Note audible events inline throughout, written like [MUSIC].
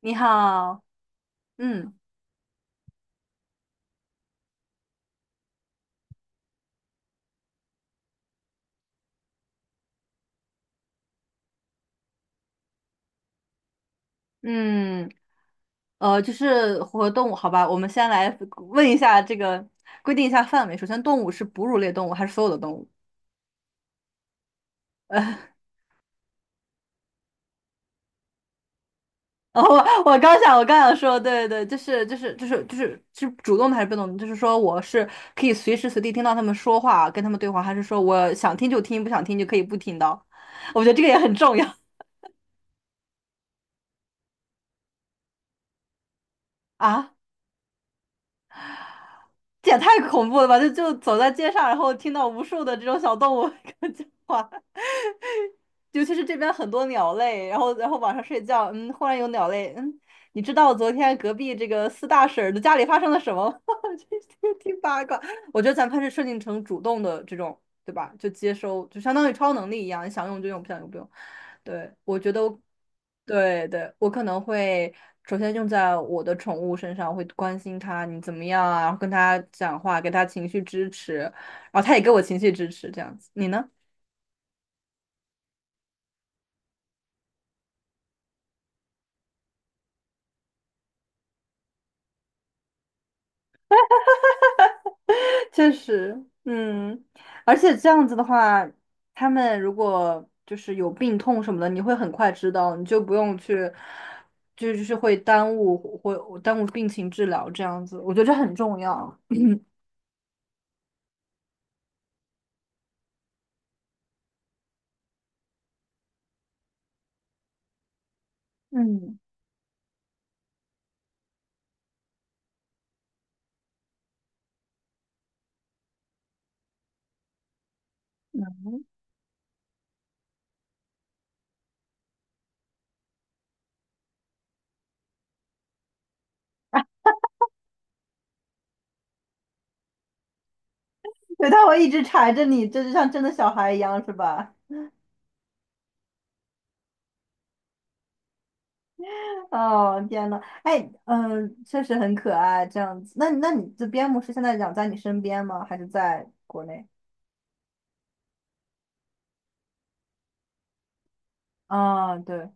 你好，嗯嗯，就是和动物，好吧，我们先来问一下这个，规定一下范围。首先，动物是哺乳类动物还是所有的动物？呃，[LAUGHS] 哦，我刚想，我刚想说，对对，就是是主动的还是被动的？就是说，我是可以随时随地听到他们说话，跟他们对话，还是说我想听就听，不想听就可以不听到？[LAUGHS] 我觉得这个也很重要。啊，这也太恐怖了吧！就走在街上，然后听到无数的这种小动物 [LAUGHS] 跟我讲话。尤其是这边很多鸟类，然后晚上睡觉，忽然有鸟类，你知道昨天隔壁这个四大婶儿的家里发生了什么吗？[LAUGHS] 这听八卦，我觉得咱们还是设定成主动的这种，对吧？就接收，就相当于超能力一样，你想用就用，不想用不用。对，我觉得我对，我可能会首先用在我的宠物身上，会关心它你怎么样啊，跟它讲话，给它情绪支持，然后它也给我情绪支持，这样子。你呢？确实，嗯，而且这样子的话，他们如果就是有病痛什么的，你会很快知道，你就不用去，就就是会耽误病情治疗这样子，我觉得这很重要。嗯，对，他会一直缠着你，这就像真的小孩一样，是吧？哦，天呐，哎，嗯，确实很可爱，这样子。那那你这边牧师现在养在你身边吗？还是在国内？啊，对。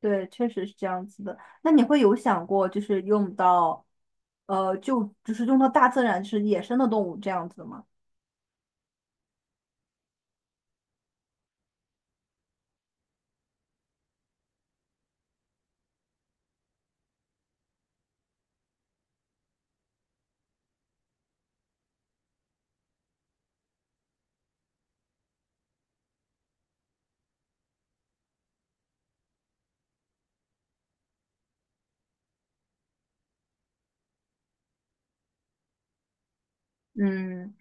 对，确实是这样子的。那你会有想过，就是用到，用到大自然，就是野生的动物这样子的吗？嗯。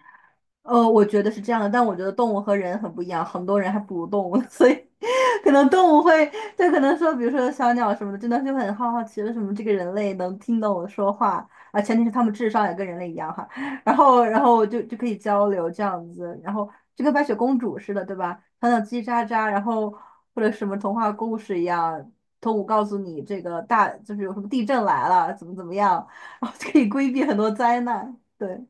我觉得是这样的，但我觉得动物和人很不一样，很多人还不如动物，所以 [LAUGHS] 可能动物会，就可能说，比如说小鸟什么的，真的就很好奇为什么这个人类能听懂我说话啊，前提是他们智商也跟人类一样哈，[LAUGHS] 然后就可以交流这样子，然后就跟白雪公主似的，对吧？讲讲叽叽喳喳，然后或者什么童话故事一样，动物告诉你这个大就是有什么地震来了，怎么怎么样，[LAUGHS] 然后就可以规避很多灾难，对，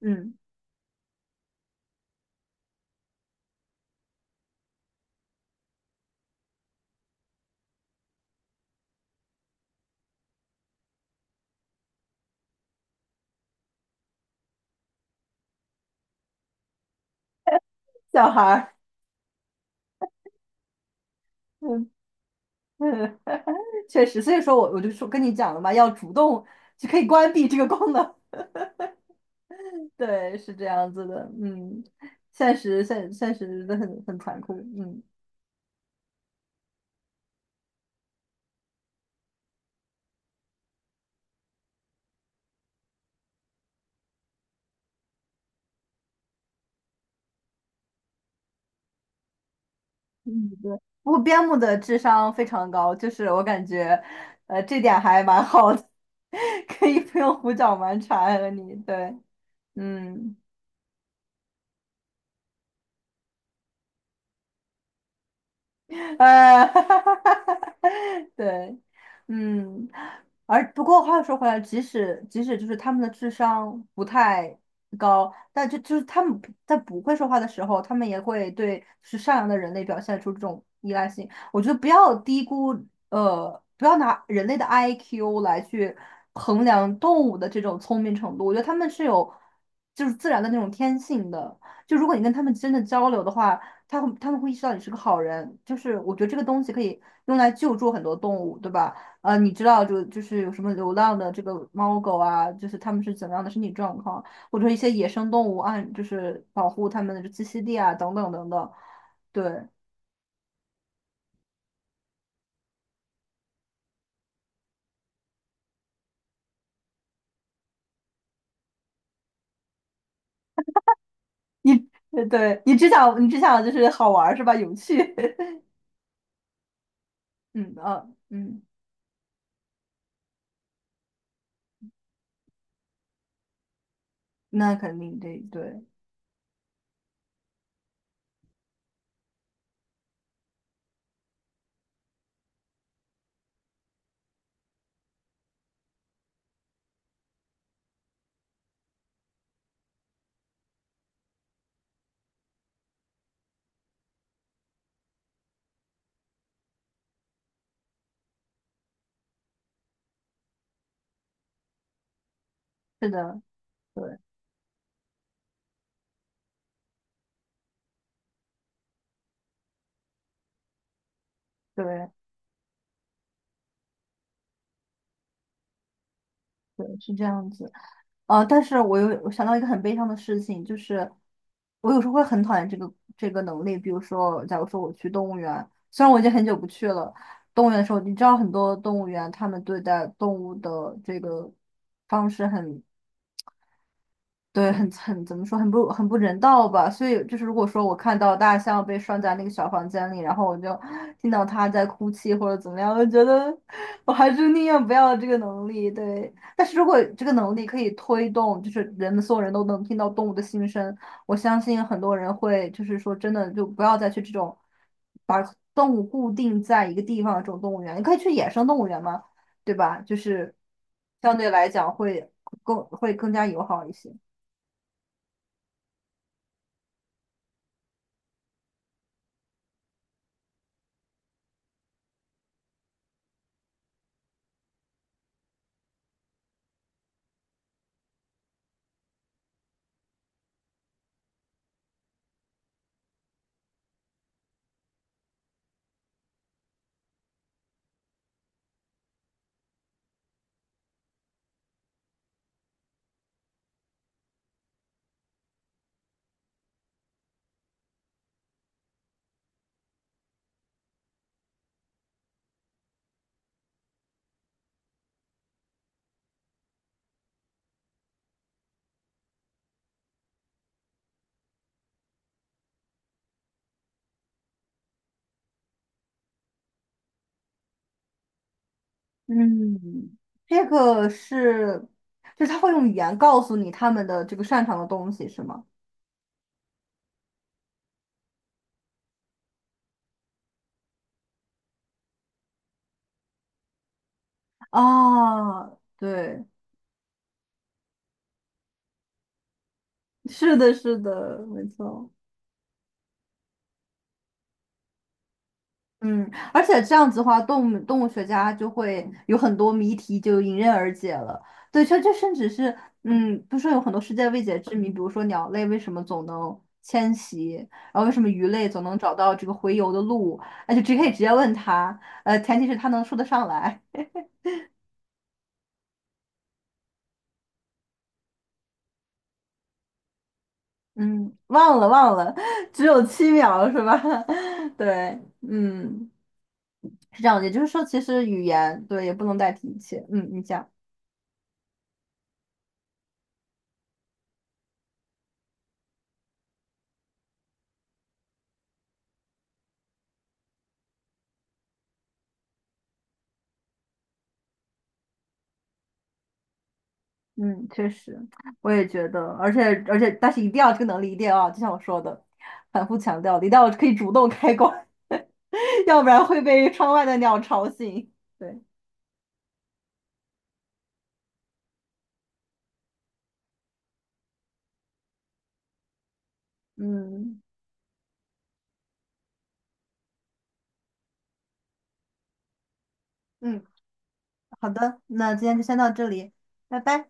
嗯，小孩儿。[LAUGHS] 嗯嗯，[LAUGHS] 确实，所以说我就说跟你讲了嘛，要主动就可以关闭这个功能。[LAUGHS] 对，是这样子的，嗯，现实真的很残酷，嗯嗯，对。不过边牧的智商非常高，就是我感觉，呃，这点还蛮好的，[LAUGHS] 可以不用胡搅蛮缠和你，对，嗯。呃，[LAUGHS] 对，嗯，而不过话又说回来，即使就是他们的智商不太高，但就是他们不会说话的时候，他们也会对是善良的人类表现出这种依赖性。我觉得不要低估，呃，不要拿人类的 IQ 来去衡量动物的这种聪明程度。我觉得他们是有就是自然的那种天性的。就如果你跟他们真的交流的话。他们会意识到你是个好人，就是我觉得这个东西可以用来救助很多动物，对吧？你知道就是有什么流浪的这个猫狗啊，就是它们是怎么样的身体状况，或者一些野生动物按就是保护它们的栖息地啊，等等等等。对你，对你只想就是好玩儿是吧？有趣，[LAUGHS] 嗯啊嗯，那肯定得对，是的，对对对，是这样子。呃，但是我想到一个很悲伤的事情，就是我有时候会很讨厌这个这个能力。比如说，假如说我去动物园，虽然我已经很久不去了，动物园的时候，你知道很多动物园他们对待动物的这个方式很对，很怎么说，很不人道吧？所以就是，如果说我看到大象被拴在那个小房间里，然后我就听到它在哭泣或者怎么样，我觉得我还是宁愿不要这个能力。对，但是如果这个能力可以推动，就是人们所有人都能听到动物的心声，我相信很多人会就是说真的就不要再去这种把动物固定在一个地方的这种动物园，你可以去野生动物园嘛，对吧？就是相对来讲会更加友好一些。嗯，这个是，就是他会用语言告诉你他们的这个擅长的东西，是吗？啊，对，是的，是的，没错。嗯，而且这样子的话，动物动物学家就会有很多谜题就迎刃而解了。对，这这甚至是，嗯，不是说有很多世界未解之谜，比如说鸟类为什么总能迁徙，然后为什么鱼类总能找到这个洄游的路，那就直接可以直接问他，呃，前提是他能说得上来。嗯，忘了忘了，只有七秒是吧？[LAUGHS] 对，嗯，是这样的。也就是说，其实语言对也不能代替一切。嗯，你讲，嗯，确实，我也觉得，而且，但是一定要这个能力一定要，就像我说的，反复强调的，一定要可以主动开关，[LAUGHS] 要不然会被窗外的鸟吵醒。对，嗯嗯，好的，那今天就先到这里，拜拜。